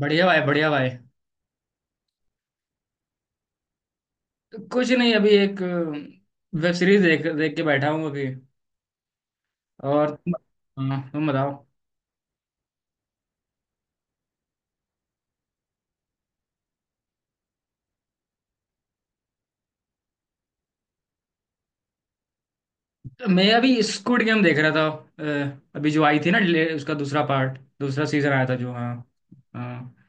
बढ़िया भाई, बढ़िया भाई। कुछ नहीं, अभी एक वेब सीरीज देख देख के बैठा हूँ अभी। और तुम? हाँ, तुम बताओ। तो मैं अभी स्क्विड गेम देख रहा था। अभी जो आई थी ना उसका दूसरा पार्ट, दूसरा सीजन आया था जो। हाँ। हाँ।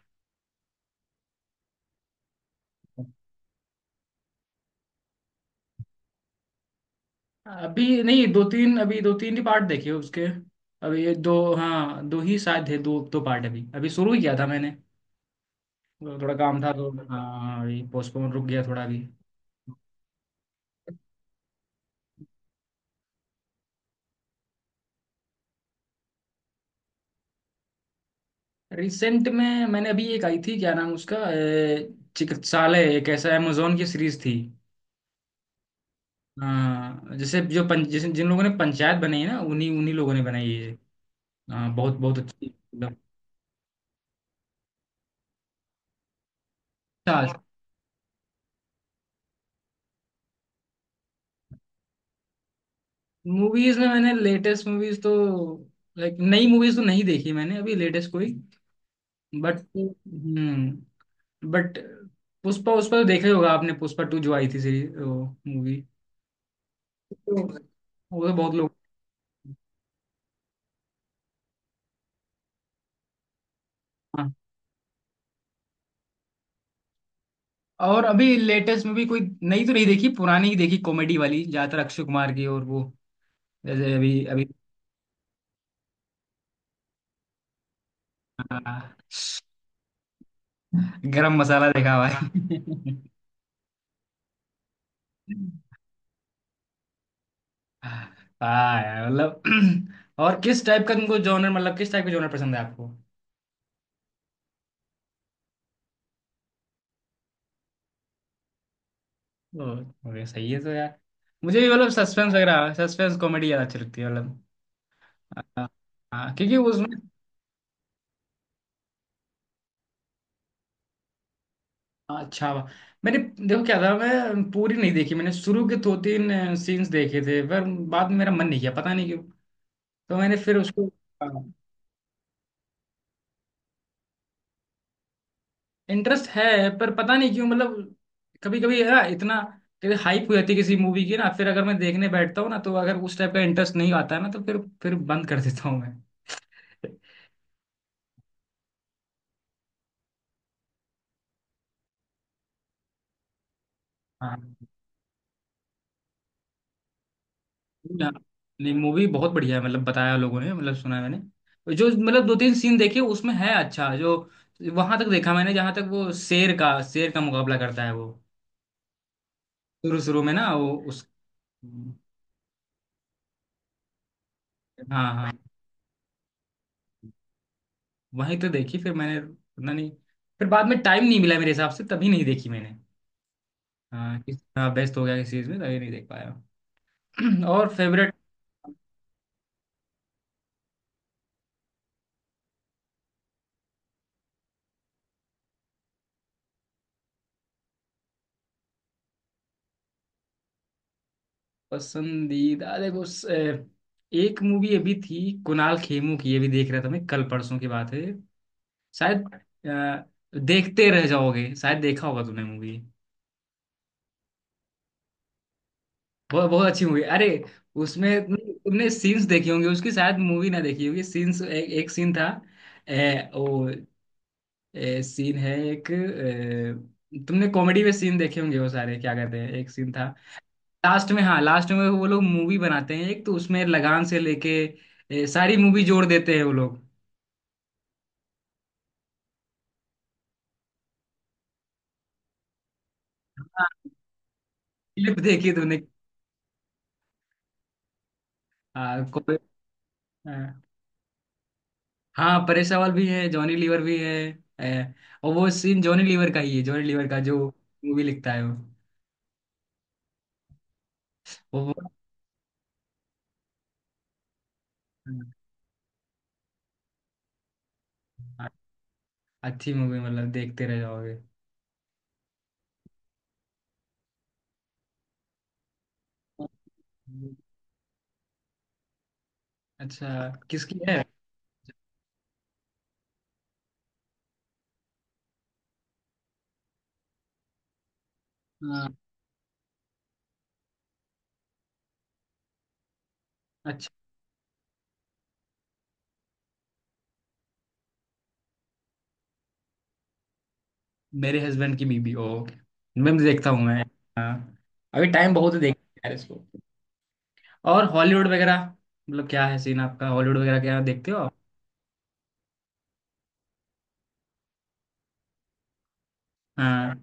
अभी नहीं, दो तीन, अभी दो तीन ही पार्ट देखे उसके। अभी ये दो, हाँ, दो ही शायद थे, दो दो पार्ट, अभी अभी शुरू ही किया था मैंने। थोड़ा काम था तो हाँ, अभी पोस्टपोन रुक गया थोड़ा अभी। रिसेंट में मैंने अभी एक आई थी, क्या नाम उसका, चिकित्सालय, एक ऐसा amazon की सीरीज थी। हाँ, जैसे जो जैसे जिन लोगों ने पंचायत बनाई है ना, उन्हीं उन्हीं लोगों ने बनाई है ये। हाँ, बहुत बहुत अच्छी एकदम। अच्छा। मूवीज में मैंने लेटेस्ट मूवीज तो, लाइक नई मूवीज तो नहीं देखी मैंने अभी, लेटेस्ट कोई। बट हम्म बट पुष्पा, उस पर देखा ही होगा आपने, पुष्पा टू जो आई थी सीरीज वो, मूवी। वो movie। वो तो बहुत लोग। हाँ। और अभी लेटेस्ट मूवी कोई नई तो नहीं देखी, पुरानी ही देखी कॉमेडी वाली, ज्यादातर अक्षय कुमार की, और वो। जैसे अभी अभी। हाँ, गरम मसाला देखा भाई। हाँ यार, मतलब। और किस टाइप का तुमको जॉनर, मतलब किस टाइप का जॉनर पसंद है आपको? ओ, ओके, सही है तो यार। मुझे भी मतलब सस्पेंस वगैरह, सस्पेंस कॉमेडी ज्यादा अच्छी लगती है मतलब। हाँ। हाँ, क्योंकि उसमें। अच्छा, वाह। मैंने, देखो क्या था, मैं पूरी नहीं देखी, मैंने शुरू के दो तीन सीन्स देखे थे पर। बाद में मेरा मन नहीं किया, पता नहीं क्यों। तो मैंने फिर उसको। इंटरेस्ट है, पर पता नहीं क्यों मतलब, कभी कभी ना इतना, कभी हाइप हो जाती है किसी मूवी की ना, फिर अगर मैं देखने बैठता हूँ ना तो अगर उस टाइप का इंटरेस्ट नहीं आता है ना तो फिर बंद कर देता हूँ मैं। हाँ ना, नहीं, मूवी बहुत बढ़िया है मतलब, बताया लोगों ने, मतलब सुना है मैंने जो, मतलब दो तीन सीन देखे उसमें है अच्छा जो। वहां तक देखा मैंने जहां तक वो शेर का मुकाबला करता है वो। शुरू शुरू में ना वो उस। हाँ हाँ। वहीं तो देखी फिर मैंने, पता नहीं। फिर बाद में टाइम नहीं मिला मेरे हिसाब से, तभी नहीं देखी मैंने। हाँ, किस, हाँ, व्यस्त हो गया किस चीज में, तभी नहीं देख पाया। और फेवरेट, पसंदीदा, देखो एक मूवी अभी थी, कुणाल खेमू की, ये भी देख रहा था मैं, कल परसों की बात है, शायद। देखते रह जाओगे, शायद देखा होगा तुमने मूवी। बहुत बहुत अच्छी मूवी, अरे। उसमें तुमने सीन्स देखी होंगी उसकी, शायद मूवी ना देखी होगी, सीन्स, एक सीन था। वो, सीन है एक, तुमने कॉमेडी में सीन देखे होंगे वो सारे, क्या कहते हैं, एक सीन था। लास्ट में, हाँ लास्ट में, वो लोग मूवी बनाते हैं एक, तो उसमें लगान से लेके, सारी मूवी जोड़ देते हैं वो लोग। हाँ, क्लिप देखी तुमने। हाँ हाँ। हाँ, परेश रावल भी है, जॉनी लीवर भी है। है। और वो सीन जॉनी लीवर का ही है, जॉनी लीवर का जो मूवी लिखता है वो। वो वो-। अच्छी मूवी, मतलब देखते रह जाओगे। अच्छा, किसकी है? हाँ, अच्छा, मेरे हस्बैंड की बीबी, ओ okay। मैं भी देखता हूँ मैं। हाँ। अभी टाइम बहुत है, देखते यार इसको। और हॉलीवुड वगैरह, मतलब क्या है सीन आपका, हॉलीवुड वगैरह क्या देखते हो आप? हाँ।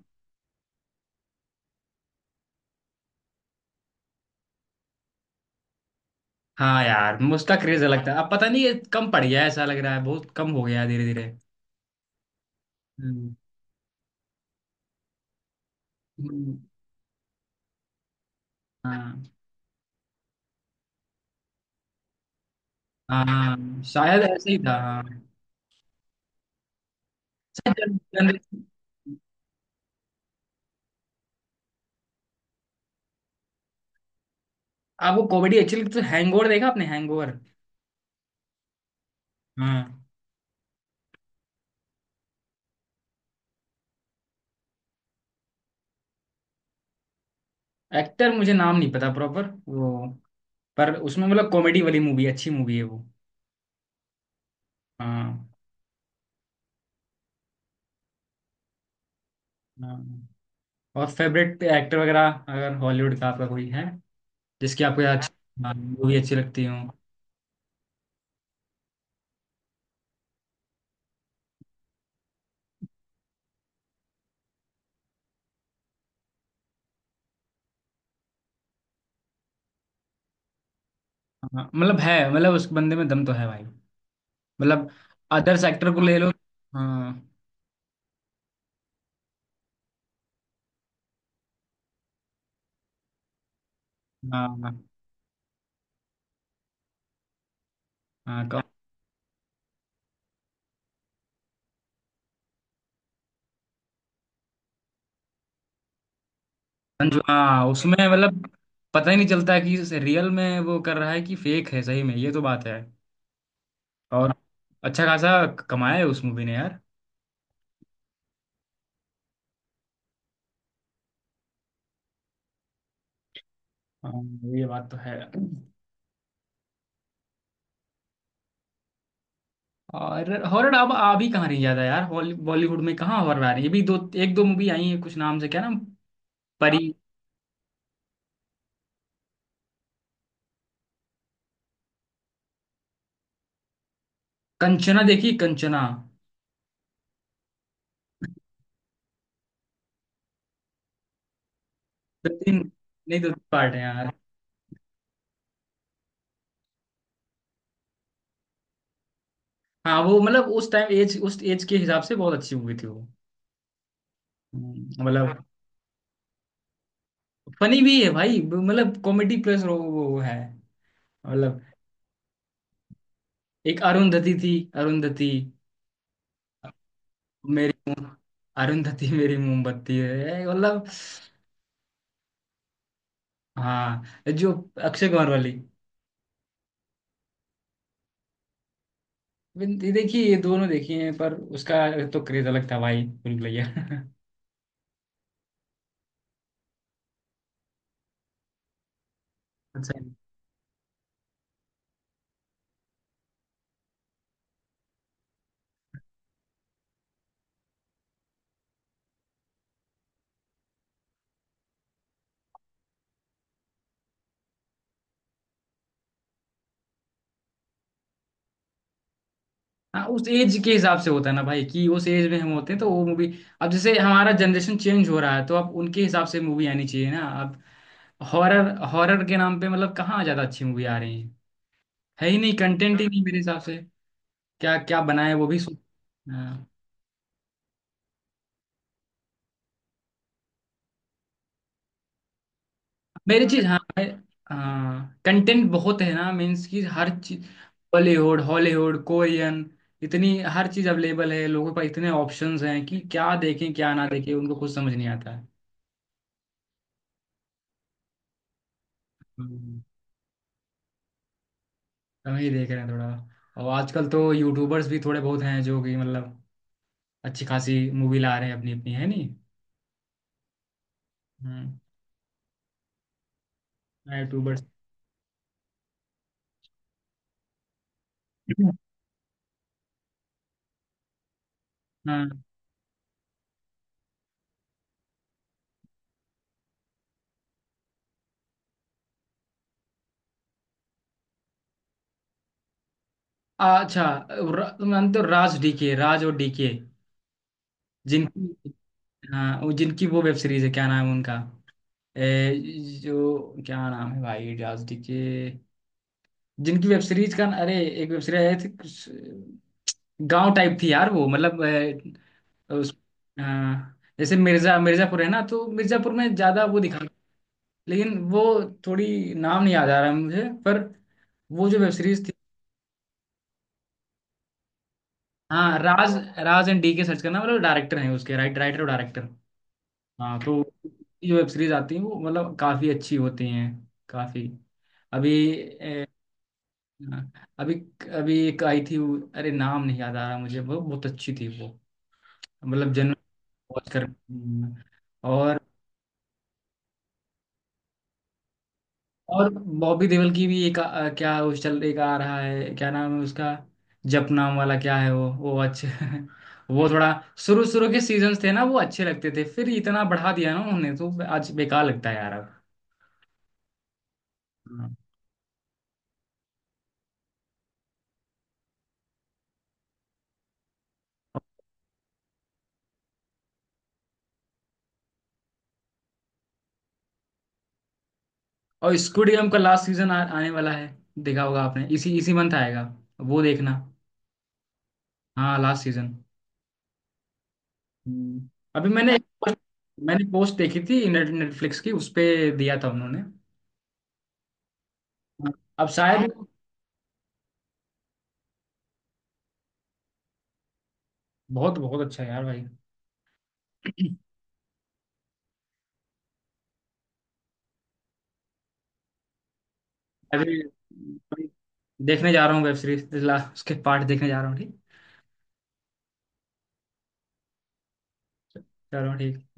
हाँ यार, मुझका क्रेज अलग था, अब पता नहीं ये कम पड़ गया है, ऐसा लग रहा है, बहुत कम हो गया है धीरे धीरे। हम्म, हाँ। हाँ, शायद ऐसे ही था, हाँ। शायद जनरेशन। आपको कॉमेडी अच्छी लगती तो, हैंगओवर देखा आपने? हैंगओवर। हाँ। एक्टर मुझे नाम नहीं पता प्रॉपर वो, पर उसमें मतलब कॉमेडी वाली मूवी, अच्छी मूवी है वो। हाँ। हाँ। और फेवरेट एक्टर वगैरह अगर हॉलीवुड का आपका कोई है, जिसकी आपको अच्छी मूवी अच्छी लगती हो। हाँ, मतलब है, मतलब उस बंदे में दम तो है भाई, मतलब। अदर्स एक्टर को ले लो। हाँ, हाँ, हाँ। संजू, हाँ, उसमें मतलब, पता ही नहीं चलता है कि रियल में वो कर रहा है कि फेक है, सही में, ये तो बात है। और, अच्छा खासा कमाया है उस मूवी ने यार। हाँ, ये बात तो है। और हॉरर अब आ भी कहाँ रही ज्यादा यार, बॉलीवुड में कहाँ हॉरर आ रही है अभी? दो, एक दो मूवी आई है कुछ नाम से, क्या नाम? परी, कंचना देखी, कंचना? दो तीन, नहीं दो तीन पार्ट है यार। हाँ, वो मतलब उस टाइम एज, उस एज के हिसाब से बहुत अच्छी मूवी थी वो। मतलब, फनी भी है भाई मतलब, कॉमेडी प्लस वो, है। मतलब, एक अरुंधति थी, अरुंधति, मेरी, अरुंधति मेरी मोमबत्ती है मतलब। हाँ जो, अक्षय कुमार वाली, ये देखिए, ये दोनों देखी हैं पर, उसका तो क्रेज अलग था भाई, भूल भैया। अच्छा। हाँ, उस एज के हिसाब से होता है ना भाई कि उस एज में हम होते हैं तो वो मूवी, अब जैसे हमारा जनरेशन चेंज हो रहा है तो अब उनके हिसाब से मूवी आनी चाहिए ना अब। हॉरर, हॉरर के नाम पे मतलब कहाँ ज्यादा अच्छी मूवी आ रही है ही नहीं, कंटेंट ही नहीं मेरे हिसाब से। क्या क्या बनाया है वो भी सोच। हाँ, मेरी चीज, हाँ। कंटेंट बहुत है ना, मीन्स कि हर चीज, बॉलीवुड, हॉलीवुड, कोरियन, इतनी हर चीज अवेलेबल है लोगों पास, इतने ऑप्शंस हैं कि क्या देखें क्या ना देखें, उनको खुद समझ नहीं आता है। हम्म। तो हम ही देख रहे हैं थोड़ा। और आजकल तो यूट्यूबर्स भी थोड़े बहुत हैं जो कि मतलब अच्छी खासी मूवी ला रहे हैं अपनी अपनी, है नहीं। हम्म। यूट्यूबर्स। हाँ। अच्छा, मानते हो राज डीके, राज और डीके जिनकी, हाँ वो जिनकी वो वेब सीरीज है, क्या नाम है उनका? जो क्या नाम है भाई, राजडी के, जिनकी वेब सीरीज का, अरे, एक वेब सीरीज आई थी कुछ गांव टाइप थी यार वो मतलब उस, अ, जैसे मिर्जापुर है ना, तो मिर्जापुर में ज्यादा वो दिखा, लेकिन वो थोड़ी, नाम नहीं याद आ रहा है मुझे पर, वो जो वेब सीरीज थी। हाँ, राज, राज एंड डी के सर्च करना, मतलब डायरेक्टर हैं उसके, राइटर और डायरेक्टर। हाँ तो, ये वेब सीरीज आती हैं वो, मतलब काफी अच्छी होती हैं, काफी। अभी, हाँ, अभी, अभी एक आई थी अरे नाम नहीं याद आ रहा मुझे, वो बहुत अच्छी थी वो, मतलब जनरल वॉच कर। और और बॉबी देओल की भी एक क्या उस चल एक आ रहा है, क्या नाम है उसका? जप नाम वाला क्या है वो, अच्छे वो थोड़ा, शुरू शुरू के सीजन्स थे ना वो अच्छे लगते थे, फिर इतना बढ़ा दिया ना उन्होंने तो आज बेकार लगता है यार अब। हाँ। और स्quid गेम का लास्ट सीजन आने वाला है, देखा होगा आपने, इसी इसी मंथ आएगा, वो देखना। हाँ, लास्ट सीजन। हम्म। अभी मैंने, मैंने पोस्ट देखी थी नेटफ्लिक्स की उस पे, दिया था उन्होंने, अब शायद। बहुत बहुत अच्छा है यार भाई। अभी अभी देखने जा रहा हूँ वेब सीरीज, उसके पार्ट देखने जा रहा हूँ, ठीक। चलो, ठीक।